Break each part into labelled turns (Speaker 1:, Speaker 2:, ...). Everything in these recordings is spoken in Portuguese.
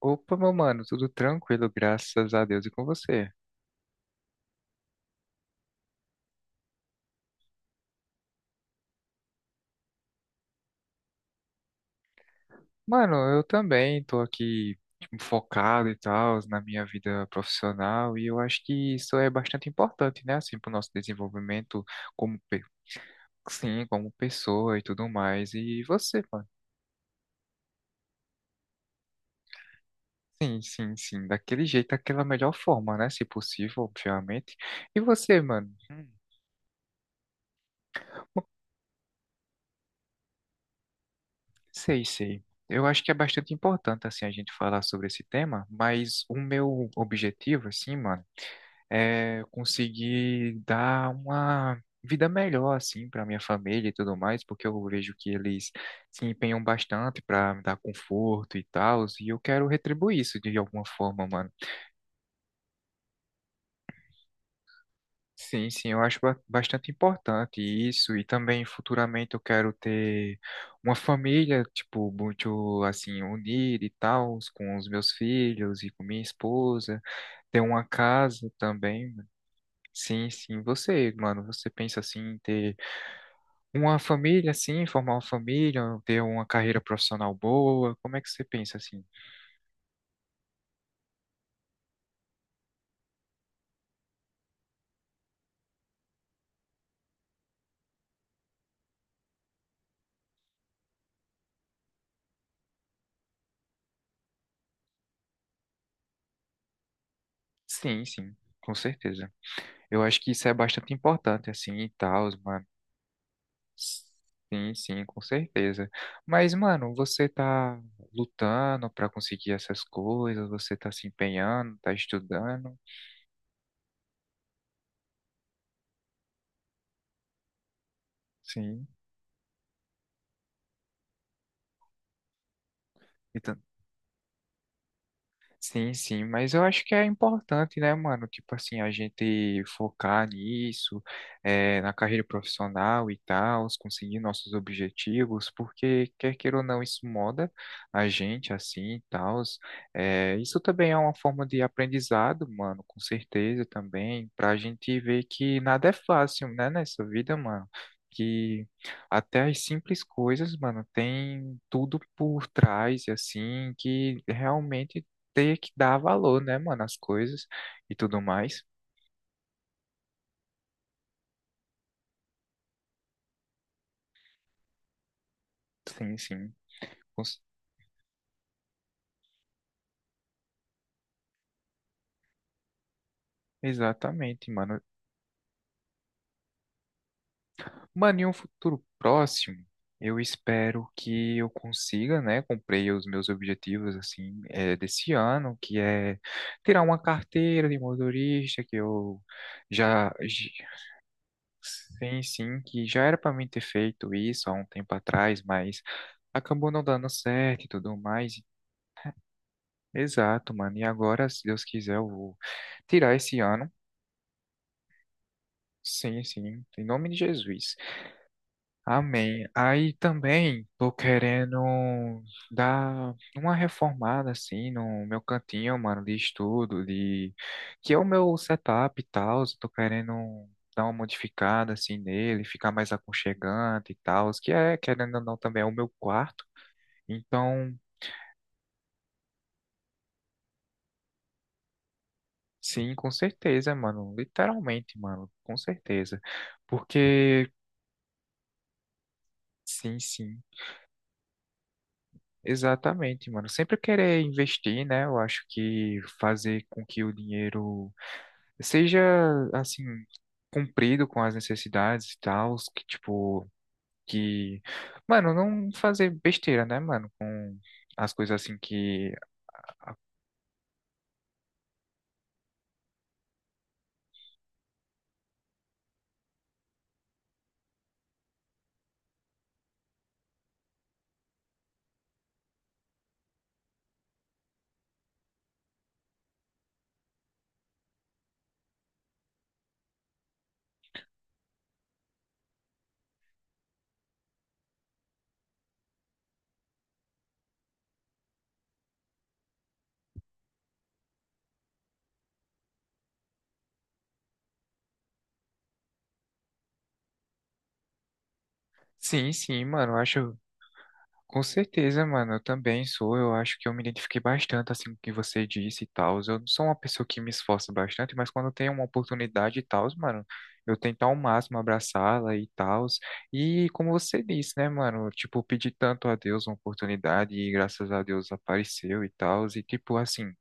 Speaker 1: Opa, meu mano, tudo tranquilo, graças a Deus e com você. Mano, eu também tô aqui tipo, focado e tal na minha vida profissional e eu acho que isso é bastante importante, né, assim, pro nosso desenvolvimento como, pe- sim, como pessoa e tudo mais. E você, mano? Sim, sim, sim, daquele jeito, daquela melhor forma, né, se possível, obviamente. E você, mano? Hum. Sei, sei. Eu acho que é bastante importante assim a gente falar sobre esse tema, mas o meu objetivo assim, mano, é, conseguir dar uma vida melhor assim para minha família e tudo mais, porque eu vejo que eles se empenham bastante para me dar conforto e tal, e eu quero retribuir isso de alguma forma, mano. Sim, sim, eu acho bastante importante isso, e também futuramente eu quero ter uma família, tipo, muito assim, unida e tal, com os meus filhos e com minha esposa, ter uma casa também. Sim, sim, você, mano, você pensa assim em ter uma família, assim, formar uma família, ter uma carreira profissional boa, como é que você pensa assim? Sim, sim, com certeza. Eu acho que isso é bastante importante, assim, e tal, mano. Sim, sim, com certeza. Mas, mano, você tá lutando pra conseguir essas coisas, você tá se empenhando, tá estudando, sim. Sim, sim, mas eu acho que é importante, né, mano? Tipo assim, a gente focar nisso, na carreira profissional e tal, conseguir nossos objetivos, porque quer queira ou não, isso moda a gente assim e tal. Isso também é uma forma de aprendizado, mano, com certeza também, pra gente ver que nada é fácil, né, nessa vida, mano. Que até as simples coisas, mano, tem tudo por trás, assim, que realmente ter que dar valor, né, mano, às coisas e tudo mais. Sim, sim. cons- Exatamente, mano. Mano, em um futuro próximo, eu espero que eu consiga, né, cumprir os meus objetivos, assim, desse ano, que é tirar uma carteira de motorista, que eu já, sim, sim, que já era para mim ter feito isso há um tempo atrás, mas acabou não dando certo e tudo mais. Exato, mano. E agora, se Deus quiser, eu vou tirar esse ano. Sim, sim. Em nome de Jesus. Amém. Aí também tô querendo dar uma reformada assim no meu cantinho, mano, de estudo, de que é o meu setup e tal. Tô querendo dar uma modificada assim nele, ficar mais aconchegante e tal, que é, querendo ou não, também é o meu quarto. Então, sim, com certeza, mano. Literalmente, mano, com certeza. Porque. Sim, sim. Exatamente, mano. Sempre querer investir, né? Eu acho que fazer com que o dinheiro seja, assim, cumprido com as necessidades e tal, que tipo, que, mano, não fazer besteira, né, mano, com as coisas assim que. Sim, sim, mano. Eu acho. Com certeza, mano, eu também sou. Eu acho que eu me identifiquei bastante assim com o que você disse e tal. Eu não sou uma pessoa que me esforça bastante, mas quando eu tenho uma oportunidade e tal, mano, eu tento ao máximo abraçá-la e tal. E como você disse, né, mano, tipo, eu pedi tanto a Deus uma oportunidade e graças a Deus apareceu e tal. E tipo assim,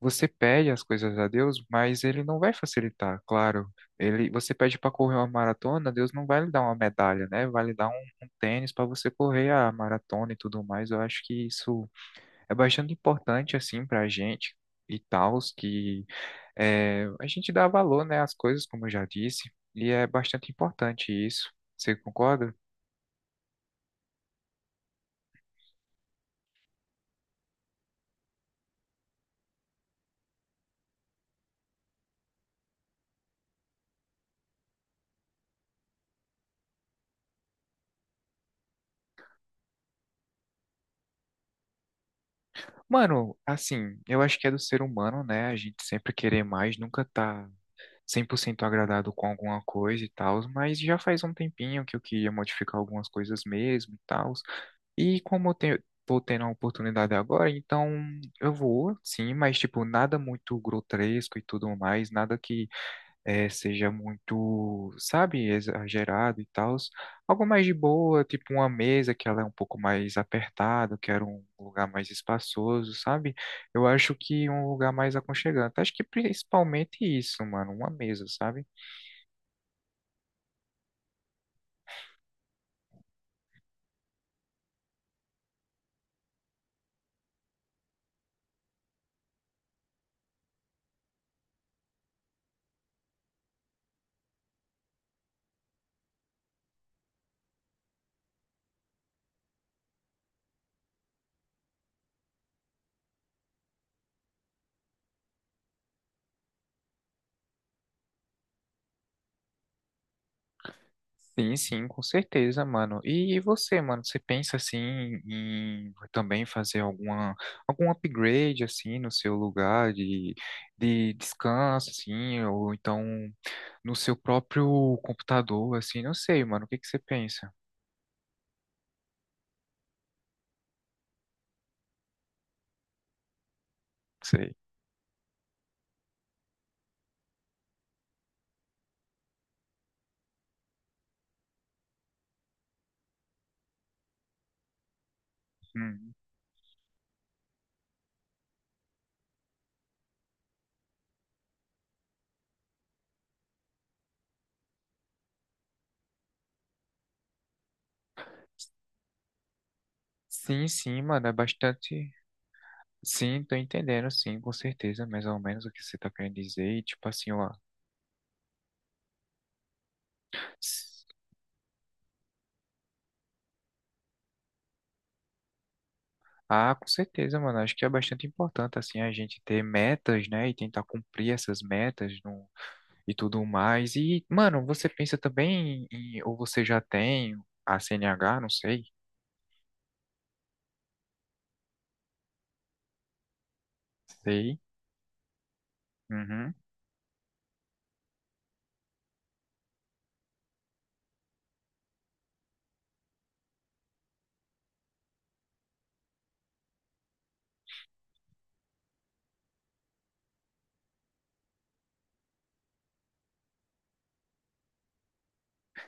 Speaker 1: você pede as coisas a Deus, mas ele não vai facilitar, claro. Ele, você pede para correr uma maratona, Deus não vai lhe dar uma medalha, né? Vai lhe dar um tênis para você correr a maratona e tudo mais. Eu acho que isso é bastante importante assim para a gente e tal, que é, a gente dá valor, né, às coisas, como eu já disse, e é bastante importante isso. Você concorda? Mano, assim, eu acho que é do ser humano, né? A gente sempre querer mais, nunca tá 100% agradado com alguma coisa e tal, mas já faz um tempinho que eu queria modificar algumas coisas mesmo e tal. E como eu tenho, tô tendo a oportunidade agora, então eu vou, sim, mas tipo, nada muito grotesco e tudo mais, nada que seja muito, sabe, exagerado e tal. Algo mais de boa, tipo uma mesa que ela é um pouco mais apertada, eu quero um lugar mais espaçoso, sabe? Eu acho que um lugar mais aconchegante. Acho que principalmente isso, mano, uma mesa, sabe? Sim, sim, com certeza, mano. E você, mano, você pensa assim em também fazer algum upgrade assim no seu lugar de descanso, assim, ou então no seu próprio computador, assim, não sei, mano, o que que você pensa? Sei. Hum. Sim, sim, mano, é bastante. Sim, tô entendendo, sim, com certeza, mais ou menos o que você tá querendo dizer. E, tipo assim, ó. Ah, com certeza, mano. Acho que é bastante importante, assim, a gente ter metas, né? E tentar cumprir essas metas no. E tudo mais. E, mano, você pensa também em. Ou você já tem a CNH? Não sei. Sei. Uhum.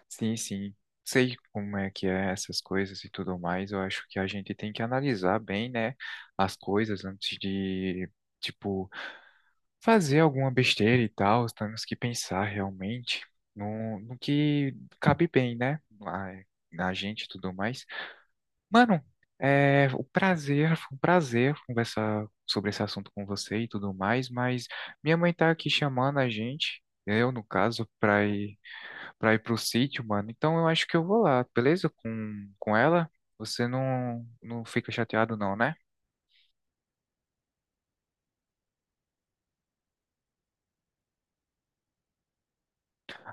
Speaker 1: Sim, sim. Sei como é que é essas coisas e tudo mais. Eu acho que a gente tem que analisar bem, né? As coisas antes de, tipo, fazer alguma besteira e tal, temos que pensar realmente no que cabe bem, né? Na gente e tudo mais. Mano, foi um prazer conversar sobre esse assunto com você e tudo mais, mas minha mãe tá aqui chamando a gente, eu no caso, pra ir, pro sítio, mano. Então eu acho que eu vou lá, beleza? Com ela, você não, não fica chateado não, né?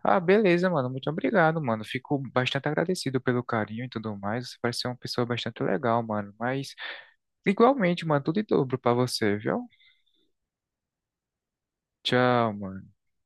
Speaker 1: Ah, beleza, mano. Muito obrigado, mano. Fico bastante agradecido pelo carinho e tudo mais. Você parece ser uma pessoa bastante legal, mano. Mas, igualmente, mano, tudo em dobro pra você, viu? Tchau, mano.